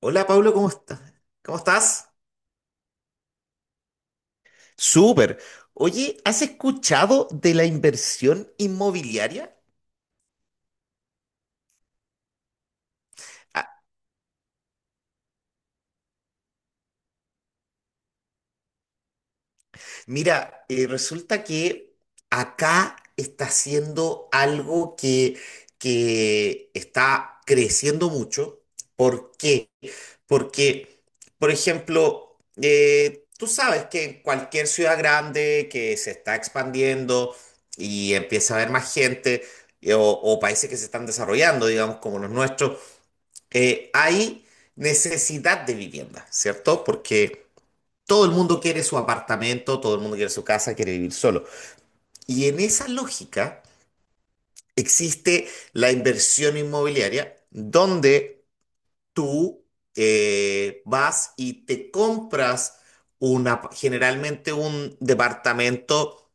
Hola Pablo, ¿cómo estás? ¿Cómo estás? Súper. Oye, ¿has escuchado de la inversión inmobiliaria? Mira, resulta que acá está haciendo algo que está creciendo mucho. ¿Por qué? Porque, por ejemplo, tú sabes que en cualquier ciudad grande que se está expandiendo y empieza a haber más gente, o países que se están desarrollando, digamos, como los nuestros, hay necesidad de vivienda, ¿cierto? Porque todo el mundo quiere su apartamento, todo el mundo quiere su casa, quiere vivir solo. Y en esa lógica existe la inversión inmobiliaria donde tú vas y te compras una, generalmente un departamento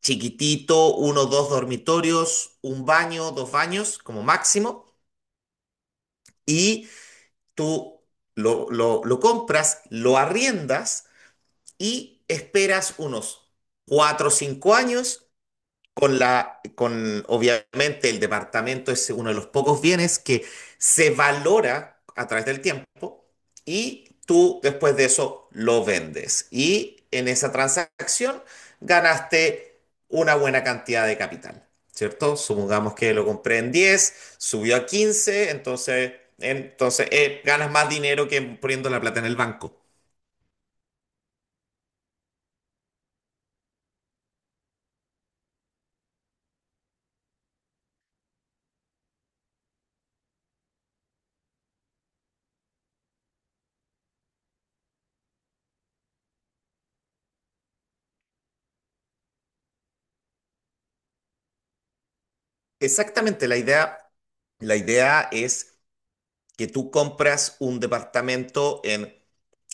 chiquitito, uno o dos dormitorios, un baño, dos baños como máximo, y tú lo compras, lo arriendas y esperas unos cuatro o cinco años con con obviamente el departamento es uno de los pocos bienes que se valora a través del tiempo y tú después de eso lo vendes. Y en esa transacción ganaste una buena cantidad de capital, ¿cierto? Supongamos que lo compré en diez, subió a quince, entonces, ganas más dinero que poniendo la plata en el banco. Exactamente, la idea es que tú compras un departamento en...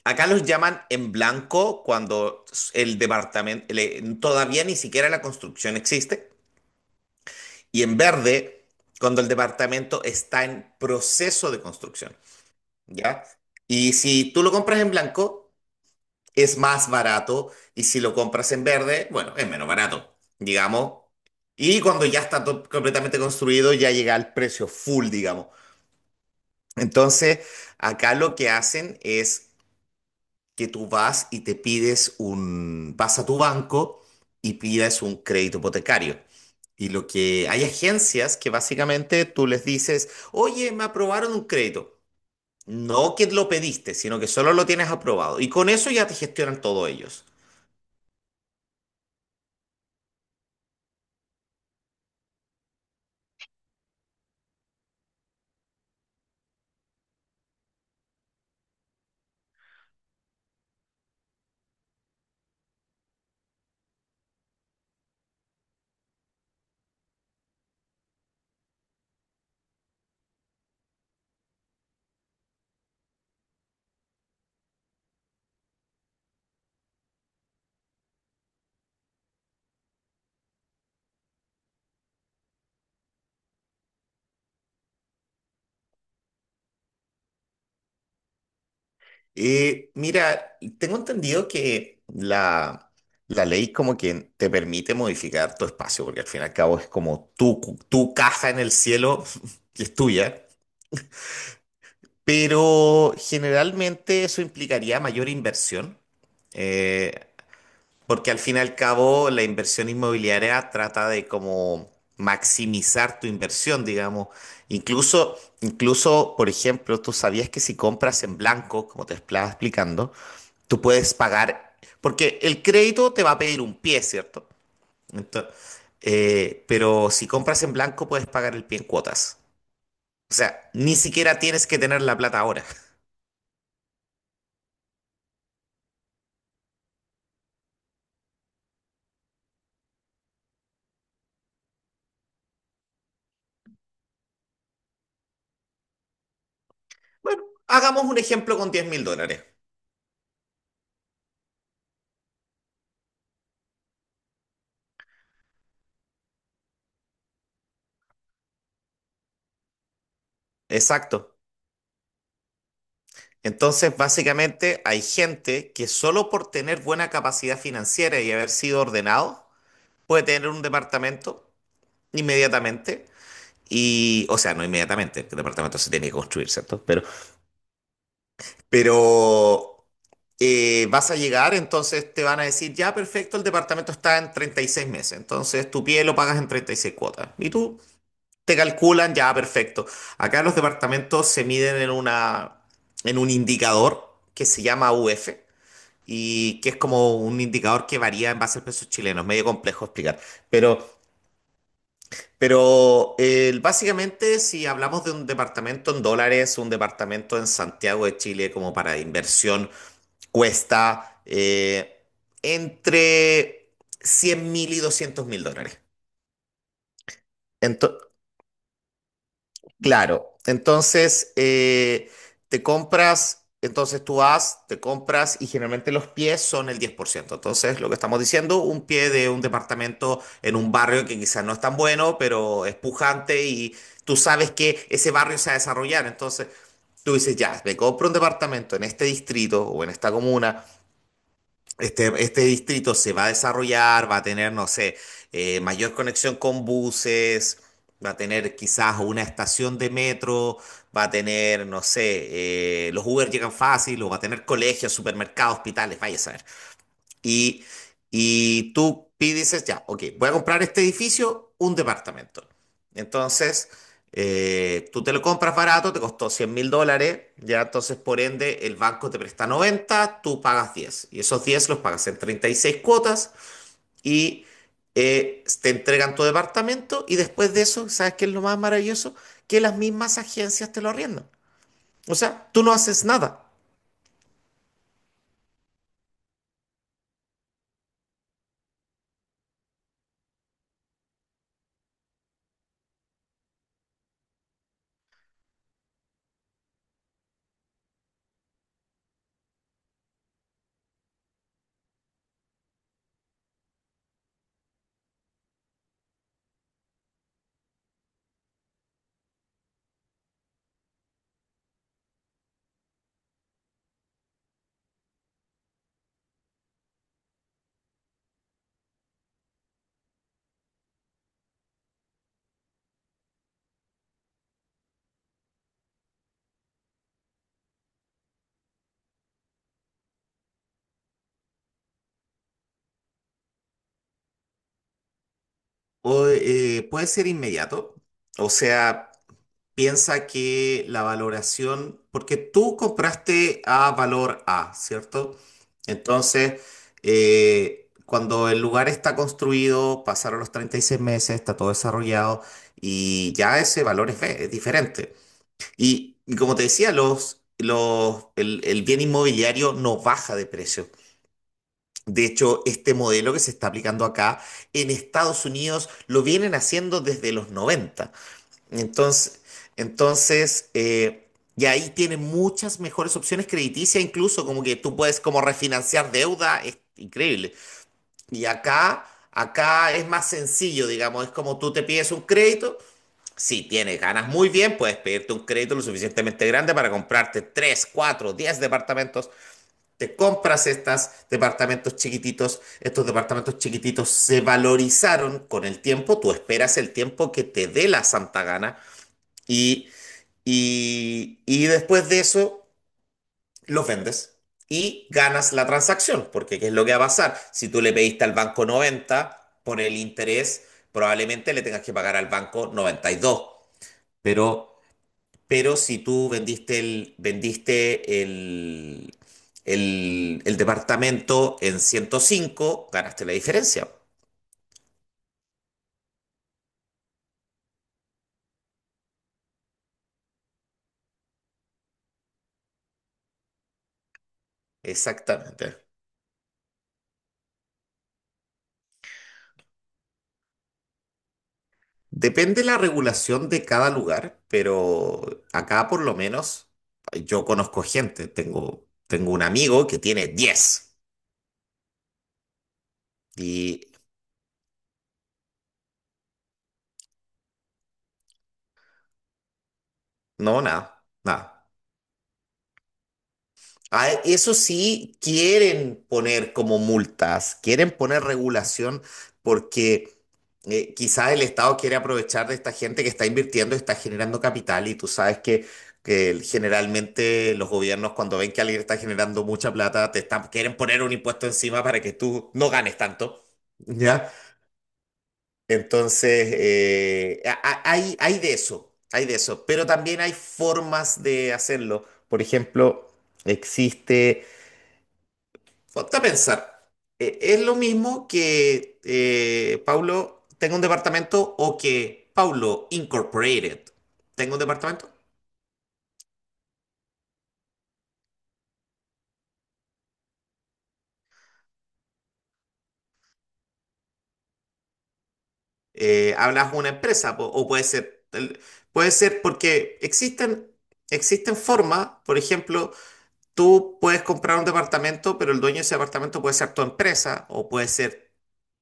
Acá los llaman en blanco cuando todavía ni siquiera la construcción existe, y en verde cuando el departamento está en proceso de construcción, ¿ya? Y si tú lo compras en blanco, es más barato, y si lo compras en verde, bueno, es menos barato, digamos. Y cuando ya está completamente construido, ya llega al precio full, digamos. Entonces, acá lo que hacen es que tú vas y te pides un, vas a tu banco y pides un crédito hipotecario. Y lo que hay agencias que básicamente tú les dices, oye, me aprobaron un crédito. No que lo pediste, sino que solo lo tienes aprobado. Y con eso ya te gestionan todo ellos. Mira, tengo entendido que la ley como que te permite modificar tu espacio, porque al fin y al cabo es como tu casa en el cielo que es tuya. Pero generalmente eso implicaría mayor inversión, eh, porque al fin y al cabo la inversión inmobiliaria trata de como maximizar tu inversión, digamos. Incluso, por ejemplo, tú sabías que si compras en blanco, como te estaba explicando, tú puedes pagar, porque el crédito te va a pedir un pie, ¿cierto? Entonces, pero si compras en blanco, puedes pagar el pie en cuotas. O sea, ni siquiera tienes que tener la plata ahora. Bueno, hagamos un ejemplo con $10.000. Exacto. Entonces, básicamente, hay gente que solo por tener buena capacidad financiera y haber sido ordenado, puede tener un departamento inmediatamente. Y, o sea, no inmediatamente, el departamento se tiene que construir, ¿cierto? Pero, pero vas a llegar, entonces te van a decir, ya, perfecto, el departamento está en 36 meses. Entonces, tu pie lo pagas en 36 cuotas. Y tú te calculan, ya, perfecto. Acá los departamentos se miden en en un indicador que se llama UF y que es como un indicador que varía en base al peso chileno. Es medio complejo explicar, pero, pero básicamente si hablamos de un departamento en dólares, un departamento en Santiago de Chile como para inversión cuesta entre 100.000 y $200.000. Claro, entonces te compras, entonces tú vas, te compras y generalmente los pies son el 10%. Entonces, lo que estamos diciendo, un pie de un departamento en un barrio que quizás no es tan bueno, pero es pujante y tú sabes que ese barrio se va a desarrollar. Entonces, tú dices, ya, me compro un departamento en este distrito o en esta comuna. Este distrito se va a desarrollar, va a tener, no sé, mayor conexión con buses, va a tener quizás una estación de metro, va a tener, no sé, los Uber llegan fácil, o va a tener colegios, supermercados, hospitales, vaya a saber. Y, dices, ya, ok, voy a comprar este edificio, un departamento. Entonces, tú te lo compras barato, te costó $100.000, ya entonces por ende el banco te presta 90, tú pagas diez. Y esos 10 los pagas en 36 cuotas y te entregan tu departamento y después de eso, ¿sabes qué es lo más maravilloso? Que las mismas agencias te lo arriendan. O sea, tú no haces nada. O, puede ser inmediato. O sea... Piensa que la valoración, porque tú compraste a valor A, ¿cierto? Entonces, cuando el lugar está construido, pasaron los 36 meses, está todo desarrollado y ya ese valor es B, es diferente. Y como te decía, el bien inmobiliario no baja de precio. De hecho, este modelo que se está aplicando acá en Estados Unidos lo vienen haciendo desde los 90. Entonces, entonces eh, y ahí tienes muchas mejores opciones crediticias, incluso como que tú puedes como refinanciar deuda, es increíble. Y acá es más sencillo, digamos, es como tú te pides un crédito, si tienes ganas muy bien, puedes pedirte un crédito lo suficientemente grande para comprarte 3, 4, 10 departamentos. Te compras estos departamentos chiquititos se valorizaron con el tiempo, tú esperas el tiempo que te dé la santa gana y y después de eso, los vendes y ganas la transacción, porque ¿qué es lo que va a pasar? Si tú le pediste al banco 90 por el interés, probablemente le tengas que pagar al banco noventa y dos. Pero, pero si tú el departamento en 105 ganaste la diferencia. Exactamente. Depende la regulación de cada lugar, pero acá por lo menos yo conozco gente. Tengo un amigo que tiene 10 y no, nada, nada. Ah, eso sí, quieren poner como multas, quieren poner regulación porque quizás el Estado quiere aprovechar de esta gente que está invirtiendo, está generando capital y tú sabes que generalmente los gobiernos cuando ven que alguien está generando mucha plata, te están, quieren poner un impuesto encima para que tú no ganes tanto, ¿ya? Entonces, hay, hay de eso, pero también hay formas de hacerlo. Por ejemplo, existe Ponte a pensar, es lo mismo que Paulo tenga un departamento o que Paulo Incorporated tenga un departamento. Hablas de una empresa o puede ser, puede ser porque existen, existen formas, por ejemplo, tú puedes comprar un departamento, pero el dueño de ese departamento puede ser tu empresa o puede ser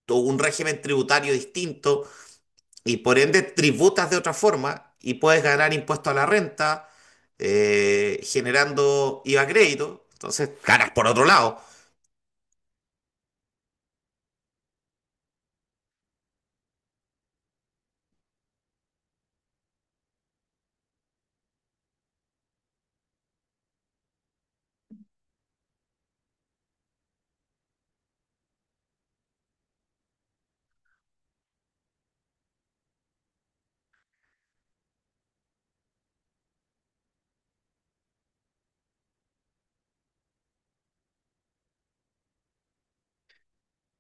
un régimen tributario distinto y por ende tributas de otra forma y puedes ganar impuesto a la renta generando IVA crédito. Entonces, ganas por otro lado.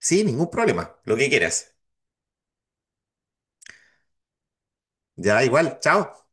Sí, ningún problema. Lo que quieras. Ya, igual. Chao.